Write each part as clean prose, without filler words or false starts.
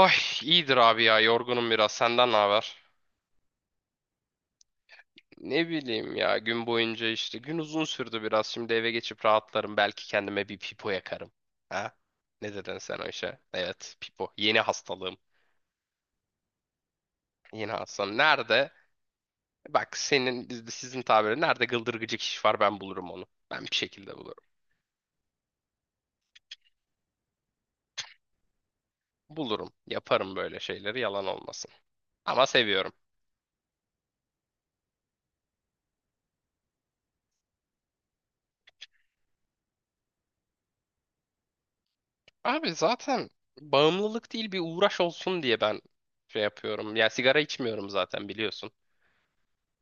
Ay iyidir abi ya, yorgunum biraz, senden ne haber? Ne bileyim ya, gün boyunca işte gün uzun sürdü biraz. Şimdi eve geçip rahatlarım, belki kendime bir pipo yakarım. Ha? Ne dedin sen o işe? Evet, pipo yeni hastalığım, yeni hastalığım nerede? Bak senin bizde sizin tabiri nerede gıldırgıcık iş var, ben bulurum onu. Ben bir şekilde bulurum. Bulurum, yaparım böyle şeyleri, yalan olmasın. Ama seviyorum. Abi zaten bağımlılık değil, bir uğraş olsun diye ben şey yapıyorum. Ya sigara içmiyorum zaten, biliyorsun.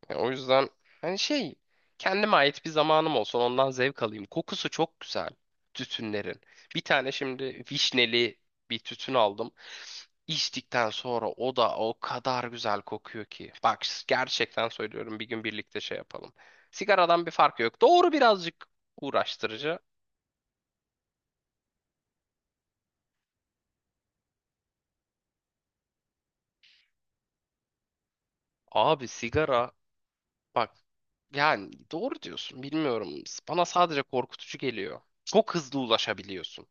O yüzden hani şey, kendime ait bir zamanım olsun, ondan zevk alayım. Kokusu çok güzel tütünlerin. Bir tane şimdi vişneli bir tütün aldım. İçtikten sonra o da o kadar güzel kokuyor ki. Bak gerçekten söylüyorum, bir gün birlikte şey yapalım. Sigaradan bir farkı yok. Doğru, birazcık uğraştırıcı. Abi sigara, bak yani doğru diyorsun, bilmiyorum. Bana sadece korkutucu geliyor. Çok hızlı ulaşabiliyorsun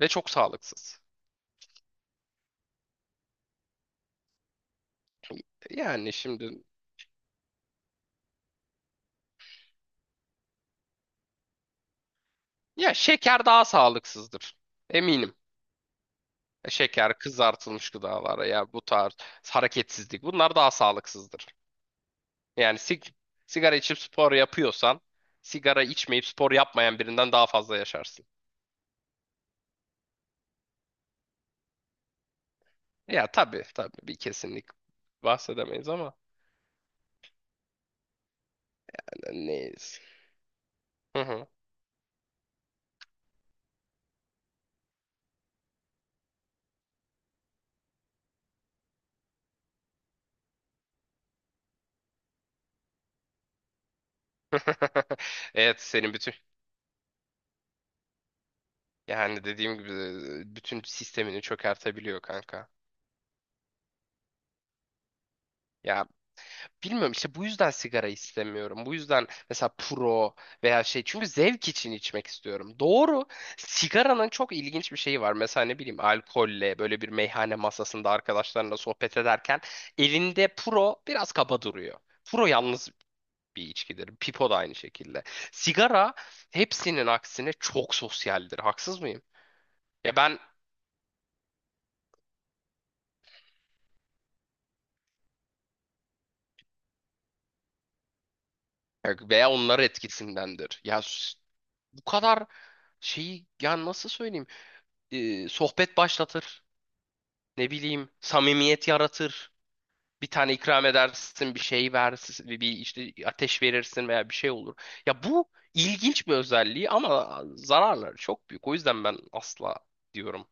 ve çok sağlıksız. Yani şimdi ya şeker daha sağlıksızdır. Eminim. Şeker, kızartılmış gıdalar ya, bu tarz hareketsizlik, bunlar daha sağlıksızdır. Yani sigara içip spor yapıyorsan, sigara içmeyip spor yapmayan birinden daha fazla yaşarsın. Ya tabii tabii, bir kesinlik bahsedemeyiz ama neyiz. Hı hı. Evet, senin bütün, yani dediğim gibi bütün sistemini çökertebiliyor kanka. Ya bilmiyorum işte, bu yüzden sigara istemiyorum. Bu yüzden mesela pro veya şey, çünkü zevk için içmek istiyorum. Doğru. Sigaranın çok ilginç bir şeyi var. Mesela ne bileyim, alkolle böyle bir meyhane masasında arkadaşlarınla sohbet ederken elinde pro biraz kaba duruyor. Pro yalnız bir içkidir. Pipo da aynı şekilde. Sigara, hepsinin aksine çok sosyaldir. Haksız mıyım? Ya ben veya onlar etkisindendir. Bu kadar şeyi, ya nasıl söyleyeyim? Sohbet başlatır. Ne bileyim, samimiyet yaratır. Bir tane ikram edersin, bir şey versin, bir işte ateş verirsin veya bir şey olur. Ya bu ilginç bir özelliği ama zararları çok büyük. O yüzden ben asla diyorum.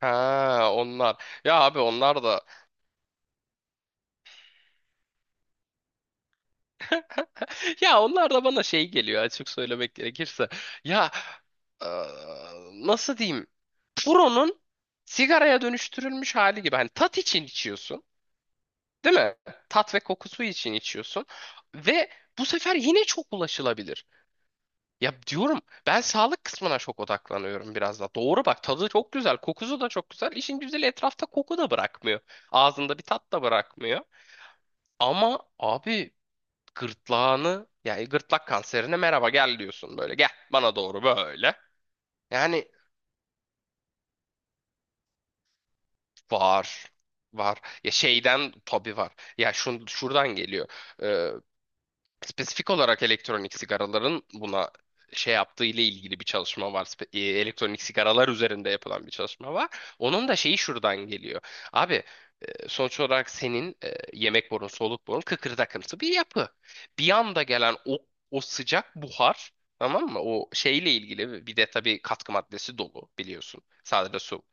Ha, onlar. Ya abi onlar da, ya onlar da bana şey geliyor, açık söylemek gerekirse. Ya eee, nasıl diyeyim? Puro'nun sigaraya dönüştürülmüş hali gibi. Hani tat için içiyorsun. Değil mi? Tat ve kokusu için içiyorsun. Ve bu sefer yine çok ulaşılabilir. Ya diyorum, ben sağlık kısmına çok odaklanıyorum biraz da. Doğru, bak tadı çok güzel, kokusu da çok güzel. İşin güzeli, etrafta koku da bırakmıyor. Ağzında bir tat da bırakmıyor. Ama abi gırtlağını, yani gırtlak kanserine merhaba gel diyorsun böyle. Gel bana doğru böyle. Yani var. Var. Ya şeyden tabii var. Ya şuradan geliyor. Ee, Spesifik olarak elektronik sigaraların buna şey yaptığı ile ilgili bir çalışma var. Elektronik sigaralar üzerinde yapılan bir çalışma var. Onun da şeyi şuradan geliyor. Abi, sonuç olarak senin yemek borun, soluk borun kıkırdakımsı bir yapı. Bir anda gelen o sıcak buhar, tamam mı? O şeyle ilgili, bir de tabii katkı maddesi dolu, biliyorsun. Sadece su.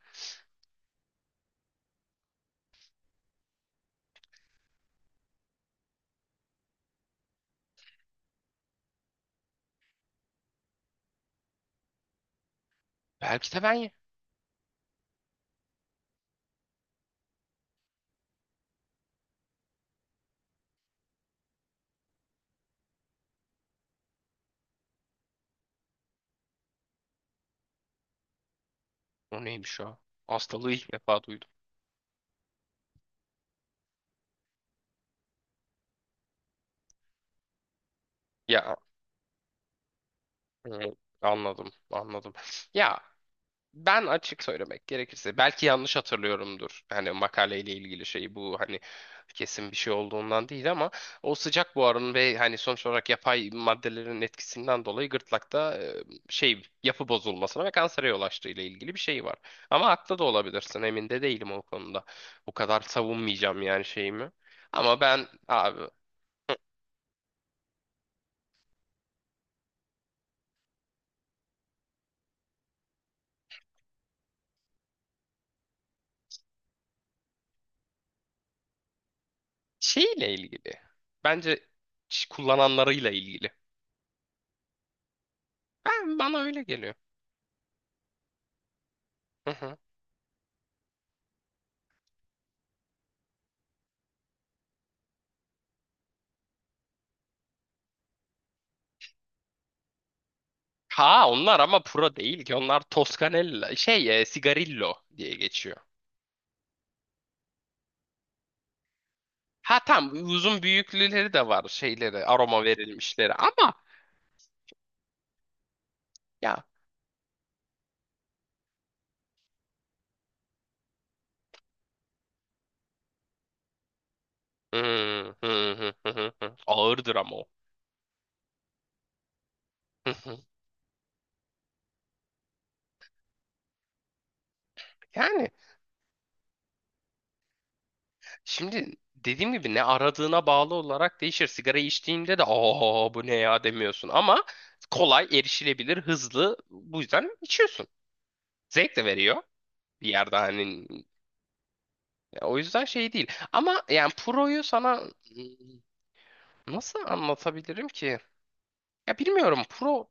Belki de ben ye. O neymiş o? Hastalığı ilk defa duydum. Ya e, anladım. Ya ben açık söylemek gerekirse belki yanlış hatırlıyorumdur. Hani makaleyle ilgili şey, bu hani kesin bir şey olduğundan değil ama o sıcak buharın ve hani sonuç olarak yapay maddelerin etkisinden dolayı gırtlakta şey, yapı bozulmasına ve kansere yol açtığı ile ilgili bir şey var. Ama haklı da olabilirsin, emin de değilim o konuda. Bu kadar savunmayacağım yani şeyimi. Ama ben abi şeyle ilgili, bence kullananlarıyla ilgili. Ben, bana öyle geliyor. Ha onlar ama pro değil ki. Onlar Toscanella şey, Sigarillo diye geçiyor. Ha, tam uzun büyüklüleri de var, şeyleri aroma verilmişleri, ama ya hı, hı, hı. ağırdır ama o. Hı, hı. Yani şimdi dediğim gibi, ne aradığına bağlı olarak değişir. Sigara içtiğinde de aa bu ne ya demiyorsun ama kolay erişilebilir, hızlı, bu yüzden içiyorsun. Zevk de veriyor bir yerde, hani, o yüzden şey değil. Ama yani Pro'yu sana nasıl anlatabilirim ki? Ya bilmiyorum. Pro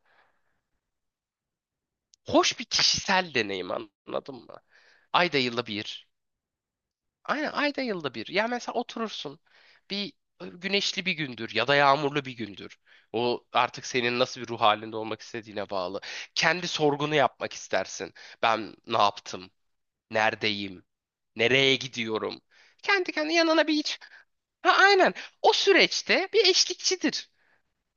hoş bir kişisel deneyim, anladın mı? Ayda yılda bir. Aynen, ayda yılda bir. Ya mesela oturursun. Bir güneşli bir gündür, ya da yağmurlu bir gündür. O artık senin nasıl bir ruh halinde olmak istediğine bağlı. Kendi sorgunu yapmak istersin. Ben ne yaptım? Neredeyim? Nereye gidiyorum? Kendi kendine yanına bir iç. Ha, aynen. O süreçte bir eşlikçidir.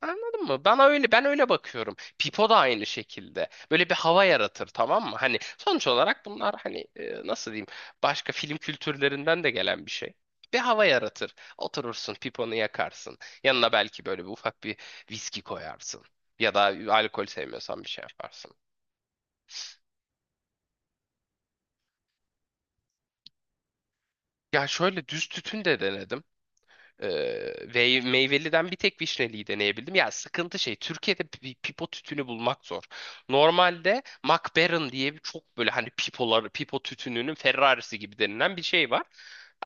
Anladın mı? Bana öyle, ben öyle bakıyorum. Pipo da aynı şekilde. Böyle bir hava yaratır, tamam mı? Hani sonuç olarak bunlar hani nasıl diyeyim, başka film kültürlerinden de gelen bir şey. Bir hava yaratır. Oturursun, piponu yakarsın. Yanına belki böyle bir ufak bir viski koyarsın. Ya da alkol sevmiyorsan bir şey yaparsın. Ya şöyle düz tütün de denedim. Ve meyveliden bir tek vişneliyi deneyebildim. Ya sıkıntı şey, Türkiye'de pipo tütünü bulmak zor. Normalde MacBaron diye bir çok böyle hani pipoları, pipo tütününün Ferrarisi gibi denilen bir şey var.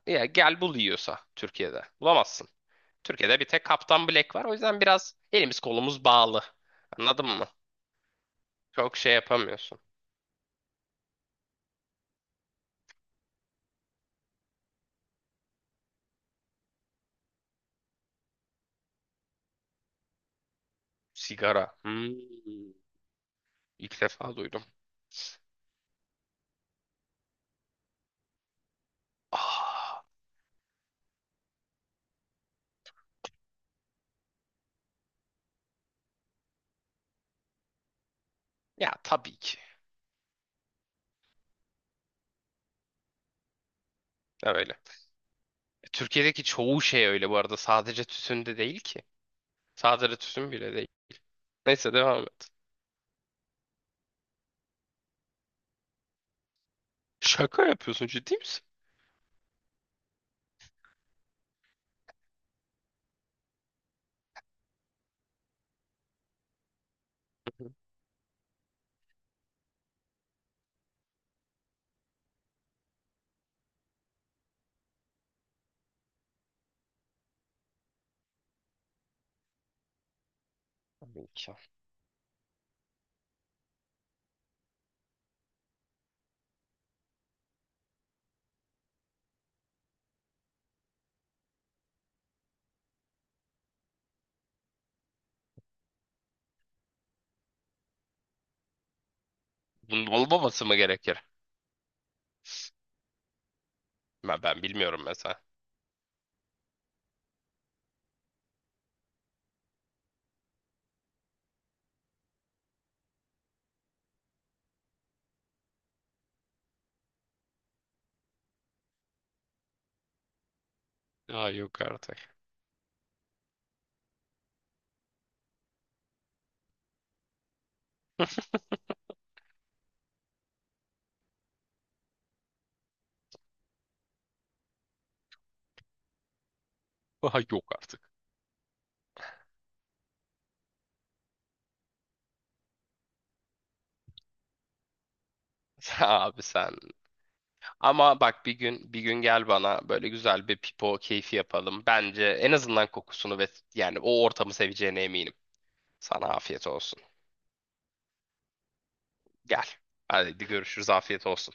Ya gel bul yiyorsa Türkiye'de. Bulamazsın. Türkiye'de bir tek Kaptan Black var. O yüzden biraz elimiz kolumuz bağlı. Anladın mı? Çok şey yapamıyorsun. Sigara. Hmm. İlk defa duydum. Ah, ya tabii ki. Öyle. Türkiye'deki çoğu şey öyle bu arada. Sadece tütün değil ki. Sadece tütün bile değil. Neyse, devam et. Şaka yapıyorsun, ciddi misin? Hı hı. Tabii ki. Bunun olmaması mı gerekir? Ben bilmiyorum mesela. Aa yok artık. Aha yok artık. Abi sen. Ama bak, bir gün gel bana böyle güzel bir pipo keyfi yapalım. Bence en azından kokusunu ve yani o ortamı seveceğine eminim. Sana afiyet olsun. Gel. Hadi görüşürüz. Afiyet olsun.